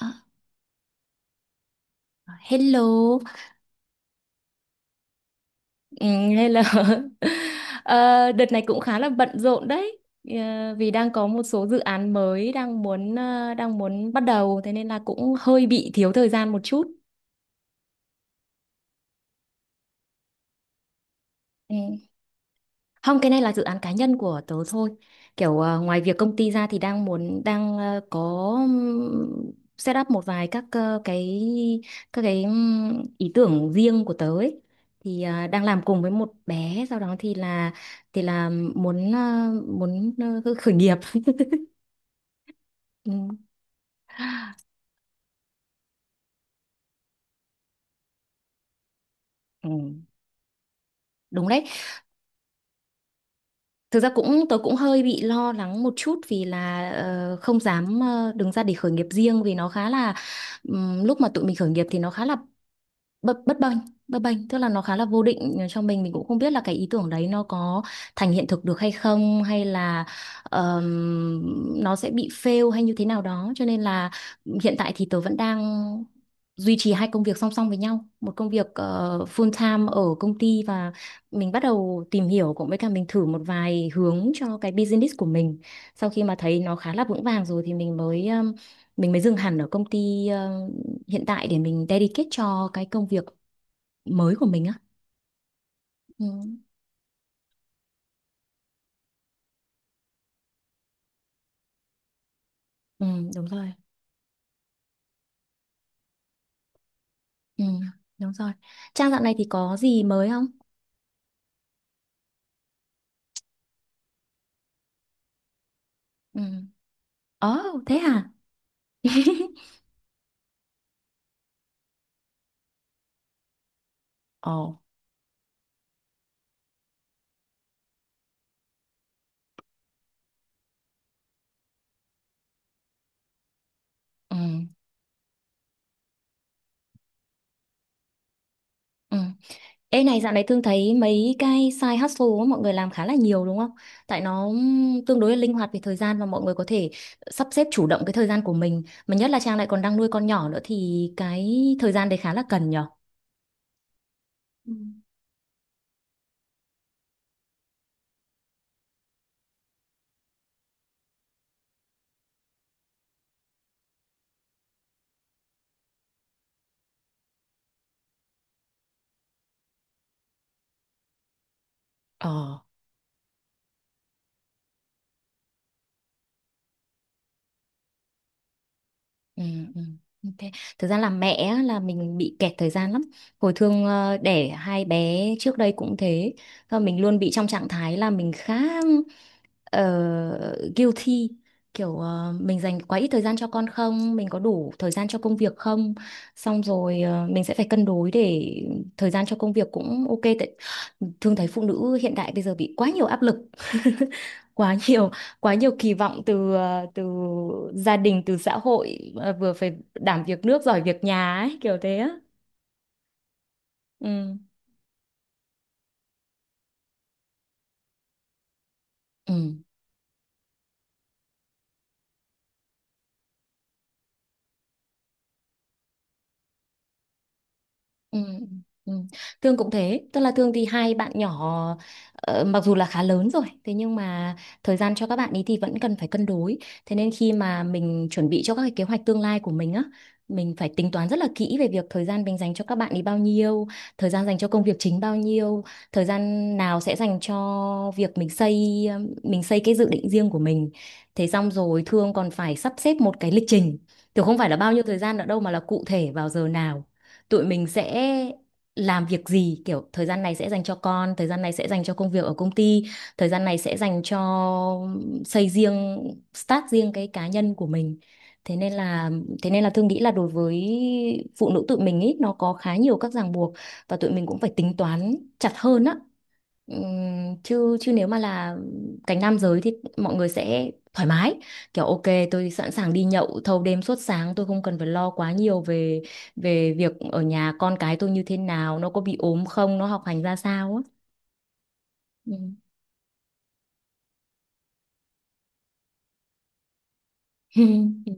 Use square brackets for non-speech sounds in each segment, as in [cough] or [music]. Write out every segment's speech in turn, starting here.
À, hello, ừ, hello. [laughs] Ờ, Đợt này cũng khá là bận rộn đấy. Vì đang có một số dự án mới đang muốn bắt đầu, thế nên là cũng hơi bị thiếu thời gian một chút. Ừ. Không, cái này là dự án cá nhân của tớ thôi. Kiểu ngoài việc công ty ra thì đang muốn có, set up một vài các ờ, cái các cái ý tưởng riêng của tớ ấy. Thì đang làm cùng với một bé, sau đó thì là muốn khởi nghiệp. [laughs] Ừ, ừ, đúng đấy. Thực ra tớ cũng hơi bị lo lắng một chút vì là không dám đứng ra để khởi nghiệp riêng vì nó khá là lúc mà tụi mình khởi nghiệp thì nó khá là bất bất bênh tức là nó khá là vô định, cho mình cũng không biết là cái ý tưởng đấy nó có thành hiện thực được hay không, hay là nó sẽ bị fail hay như thế nào đó. Cho nên là hiện tại thì tớ vẫn đang duy trì hai công việc song song với nhau, một công việc full time ở công ty, và mình bắt đầu tìm hiểu cũng với cả mình thử một vài hướng cho cái business của mình. Sau khi mà thấy nó khá là vững vàng rồi thì mình mới dừng hẳn ở công ty hiện tại để mình dedicate cho cái công việc mới của mình á. Ừ, ừ, đúng rồi. Ừ, đúng rồi. Trang dạo này thì có gì mới không? Ừ. Ồ, thế hả? [laughs] Ồ. Ừ, ừ. Ê này, dạo này Thương thấy mấy cái side hustle á, mọi người làm khá là nhiều đúng không, tại nó tương đối là linh hoạt về thời gian và mọi người có thể sắp xếp chủ động cái thời gian của mình, mà nhất là Trang lại còn đang nuôi con nhỏ nữa thì cái thời gian đấy khá là cần nhở. Ừ. Ờ. Ừ, ừ. Ok. Thực ra là mẹ á, là mình bị kẹt thời gian lắm. Hồi Thương đẻ hai bé trước đây cũng thế. Và mình luôn bị trong trạng thái là mình khá ờ, guilty, kiểu mình dành quá ít thời gian cho con không, mình có đủ thời gian cho công việc không, xong rồi mình sẽ phải cân đối để thời gian cho công việc cũng ok. Tại thường thấy phụ nữ hiện đại bây giờ bị quá nhiều áp lực, [laughs] quá nhiều quá nhiều kỳ vọng từ từ gia đình, từ xã hội, vừa phải đảm việc nước giỏi việc nhà ấy, kiểu thế á. Ừ, ừ. Ừ, ừ. Thương cũng thế, tức là Thương thì hai bạn nhỏ mặc dù là khá lớn rồi, thế nhưng mà thời gian cho các bạn ấy thì vẫn cần phải cân đối. Thế nên khi mà mình chuẩn bị cho các cái kế hoạch tương lai của mình á, mình phải tính toán rất là kỹ về việc thời gian mình dành cho các bạn ấy bao nhiêu, thời gian dành cho công việc chính bao nhiêu, thời gian nào sẽ dành cho việc mình xây cái dự định riêng của mình. Thế xong rồi Thương còn phải sắp xếp một cái lịch trình. Thì không phải là bao nhiêu thời gian nữa đâu, mà là cụ thể vào giờ nào tụi mình sẽ làm việc gì, kiểu thời gian này sẽ dành cho con, thời gian này sẽ dành cho công việc ở công ty, thời gian này sẽ dành cho xây riêng, start riêng cái cá nhân của mình. Thế nên là thế nên là Thương nghĩ là đối với phụ nữ tụi mình ý, nó có khá nhiều các ràng buộc và tụi mình cũng phải tính toán chặt hơn á. Ừm, chứ chứ nếu mà là cánh nam giới thì mọi người sẽ thoải mái, kiểu ok, tôi sẵn sàng đi nhậu thâu đêm suốt sáng, tôi không cần phải lo quá nhiều về về việc ở nhà con cái tôi như thế nào, nó có bị ốm không, nó học hành ra sao á. Ừ. [laughs]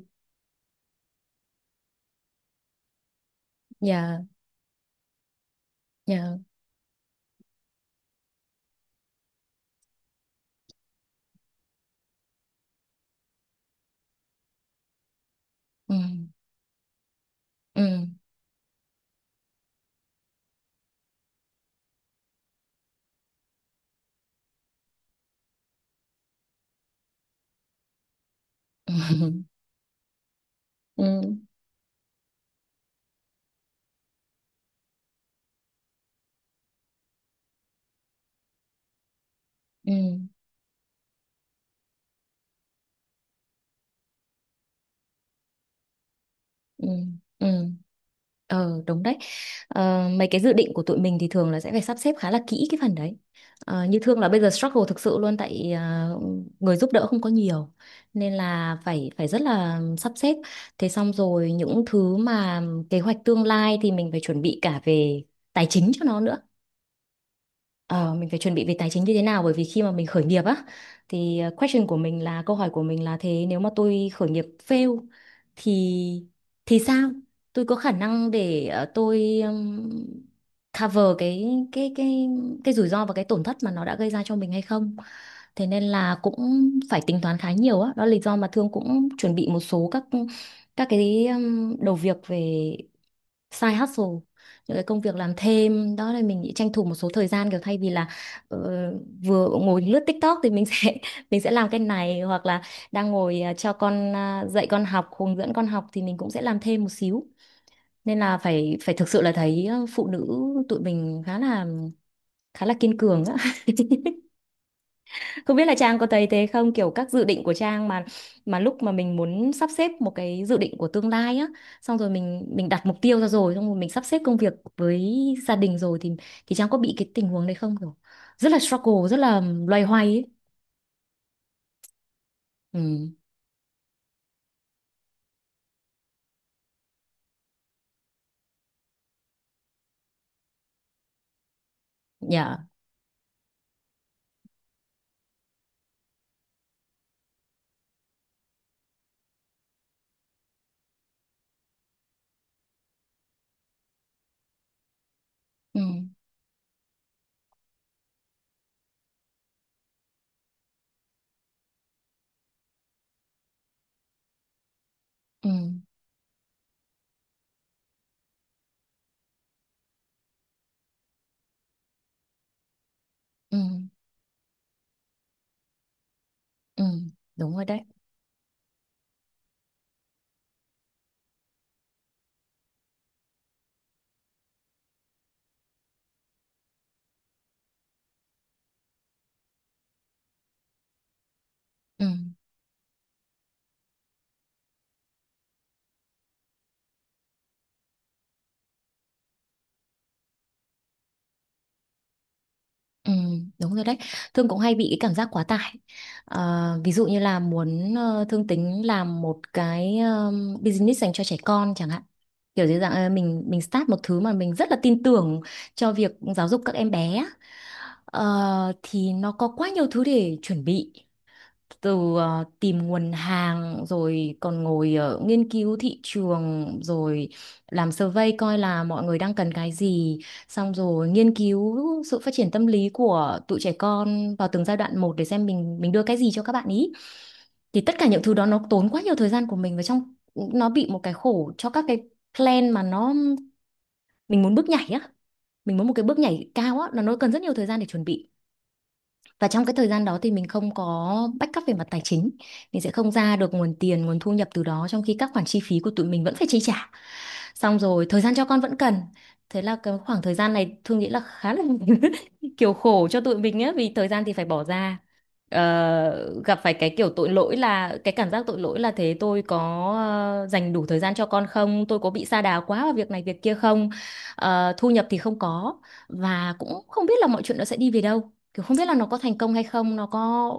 Dạ, dạ. Ừ, ừ. [laughs] Ừ, ừ, ừ, ừ. [laughs] Ờ, đúng đấy. Ờ, mấy cái dự định của tụi mình thì thường là sẽ phải sắp xếp khá là kỹ cái phần đấy. Ờ, như Thương là bây giờ struggle thực sự luôn. Tại người giúp đỡ không có nhiều, nên là phải phải rất là sắp xếp. Thế xong rồi những thứ mà kế hoạch tương lai thì mình phải chuẩn bị cả về tài chính cho nó nữa. Ờ, mình phải chuẩn bị về tài chính như thế nào, bởi vì khi mà mình khởi nghiệp á thì question của mình là câu hỏi của mình là thế nếu mà tôi khởi nghiệp fail thì sao? Tôi có khả năng để ờ, tôi cover cái cái rủi ro và cái tổn thất mà nó đã gây ra cho mình hay không? Thế nên là cũng phải tính toán khá nhiều á. Đó là lý do mà Thương cũng chuẩn bị một số các cái đầu việc về side hustle, những cái công việc làm thêm, đó là mình nghĩ tranh thủ một số thời gian, kiểu thay vì là ờ, vừa ngồi lướt TikTok thì mình sẽ [laughs] mình sẽ làm cái này, hoặc là đang ngồi à, cho con à, dạy con học, hướng dẫn con học thì mình cũng sẽ làm thêm một xíu. Nên là phải phải thực sự là thấy phụ nữ tụi mình khá là, kiên cường á. [laughs] Không biết là Trang có thấy thế không, kiểu các dự định của Trang mà, lúc mà mình muốn sắp xếp một cái dự định của tương lai á, xong rồi mình đặt mục tiêu ra, rồi xong rồi mình sắp xếp công việc với gia đình rồi thì Trang có bị cái tình huống đấy không, kiểu rất là struggle, rất là loay hoay ấy? Ừ. Dạ. Ừ, ừ. Ừ, ừ, đúng rồi đấy. Ừ. Ừ, đúng rồi đấy. Thương cũng hay bị cái cảm giác quá tải. Ờ, ví dụ như là muốn Thương tính làm một cái business dành cho trẻ con chẳng hạn. Kiểu dưới dạng mình start một thứ mà mình rất là tin tưởng cho việc giáo dục các em bé á. Ờ, thì nó có quá nhiều thứ để chuẩn bị, từ tìm nguồn hàng, rồi còn ngồi nghiên cứu thị trường, rồi làm survey coi là mọi người đang cần cái gì, xong rồi nghiên cứu sự phát triển tâm lý của tụi trẻ con vào từng giai đoạn một để xem mình đưa cái gì cho các bạn ý. Thì tất cả những thứ đó nó tốn quá nhiều thời gian của mình, và trong nó bị một cái khổ cho các cái plan mà nó, mình muốn bước nhảy á, mình muốn một cái bước nhảy cao á là nó cần rất nhiều thời gian để chuẩn bị. Và trong cái thời gian đó thì mình không có backup về mặt tài chính, mình sẽ không ra được nguồn tiền, nguồn thu nhập từ đó, trong khi các khoản chi phí của tụi mình vẫn phải chi trả, xong rồi thời gian cho con vẫn cần. Thế là cái khoảng thời gian này Thương nghĩ là khá là, [laughs] kiểu khổ cho tụi mình á, vì thời gian thì phải bỏ ra. Ờ, gặp phải cái kiểu tội lỗi, là cái cảm giác tội lỗi là thế tôi có dành đủ thời gian cho con không, tôi có bị sa đà quá vào việc này việc kia không. Ờ, thu nhập thì không có, và cũng không biết là mọi chuyện nó sẽ đi về đâu, kiểu không biết là nó có thành công hay không, nó có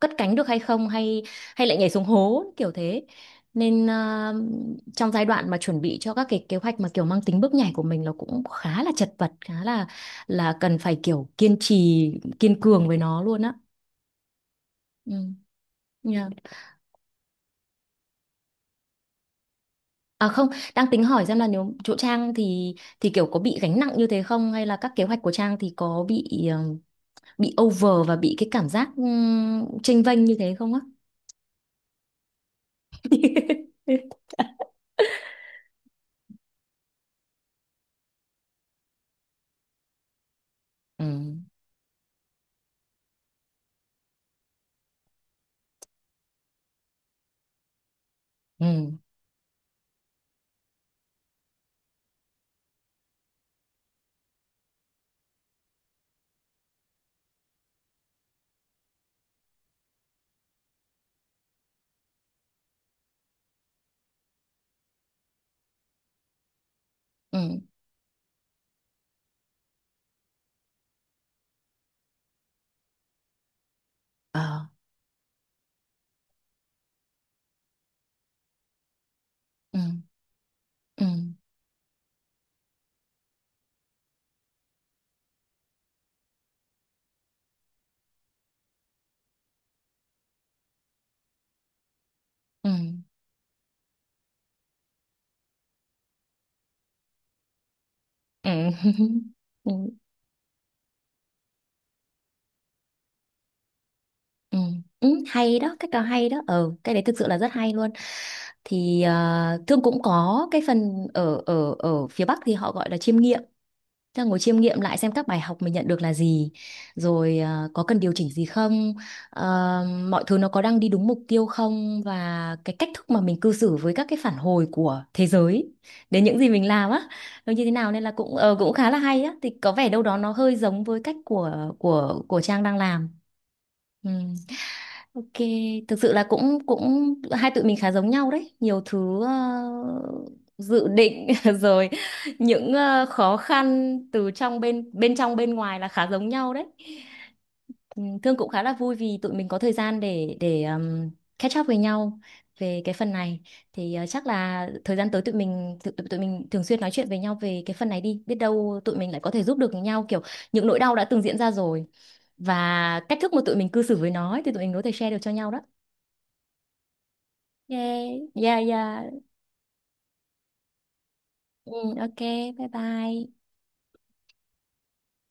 cất cánh được hay không, hay hay lại nhảy xuống hố kiểu thế. Nên à, trong giai đoạn mà chuẩn bị cho các cái kế hoạch mà kiểu mang tính bước nhảy của mình, nó cũng khá là chật vật, khá là cần phải kiểu kiên trì, kiên cường với nó luôn á. Ừ. Yeah. À không, đang tính hỏi xem là nếu chỗ Trang thì kiểu có bị gánh nặng như thế không, hay là các kế hoạch của Trang thì có bị bị over và bị cái cảm giác chênh vênh như thế không á? [laughs] Ừ, ừ, ừ, ờ, ừ, ừ, ừ, ừ. [laughs] Ừ, ừ, ừ, [laughs] hay đó, cách nào hay đó, ừ, cái đấy thực sự là rất hay luôn. Thì Thương cũng có cái phần ở ở ở phía Bắc thì họ gọi là chiêm nghiệm. Thế là ngồi chiêm nghiệm lại xem các bài học mình nhận được là gì, rồi có cần điều chỉnh gì không, ờ, mọi thứ nó có đang đi đúng mục tiêu không, và cái cách thức mà mình cư xử với các cái phản hồi của thế giới đến những gì mình làm á, nó như thế nào. Nên là cũng cũng khá là hay á, thì có vẻ đâu đó nó hơi giống với cách của Trang đang làm. Ừ. Ok, thực sự là cũng cũng hai tụi mình khá giống nhau đấy, nhiều thứ dự định [laughs] rồi những khó khăn từ trong bên bên trong, bên ngoài là khá giống nhau đấy. Ừ, Thương cũng khá là vui vì tụi mình có thời gian để catch up với nhau về cái phần này. Thì chắc là thời gian tới tụi mình thường xuyên nói chuyện với nhau về cái phần này đi, biết đâu tụi mình lại có thể giúp được nhau, kiểu những nỗi đau đã từng diễn ra rồi và cách thức mà tụi mình cư xử với nó ấy, thì tụi mình có thể share được cho nhau đó. Ok, dạ dạ, ừ, ok, bye bye.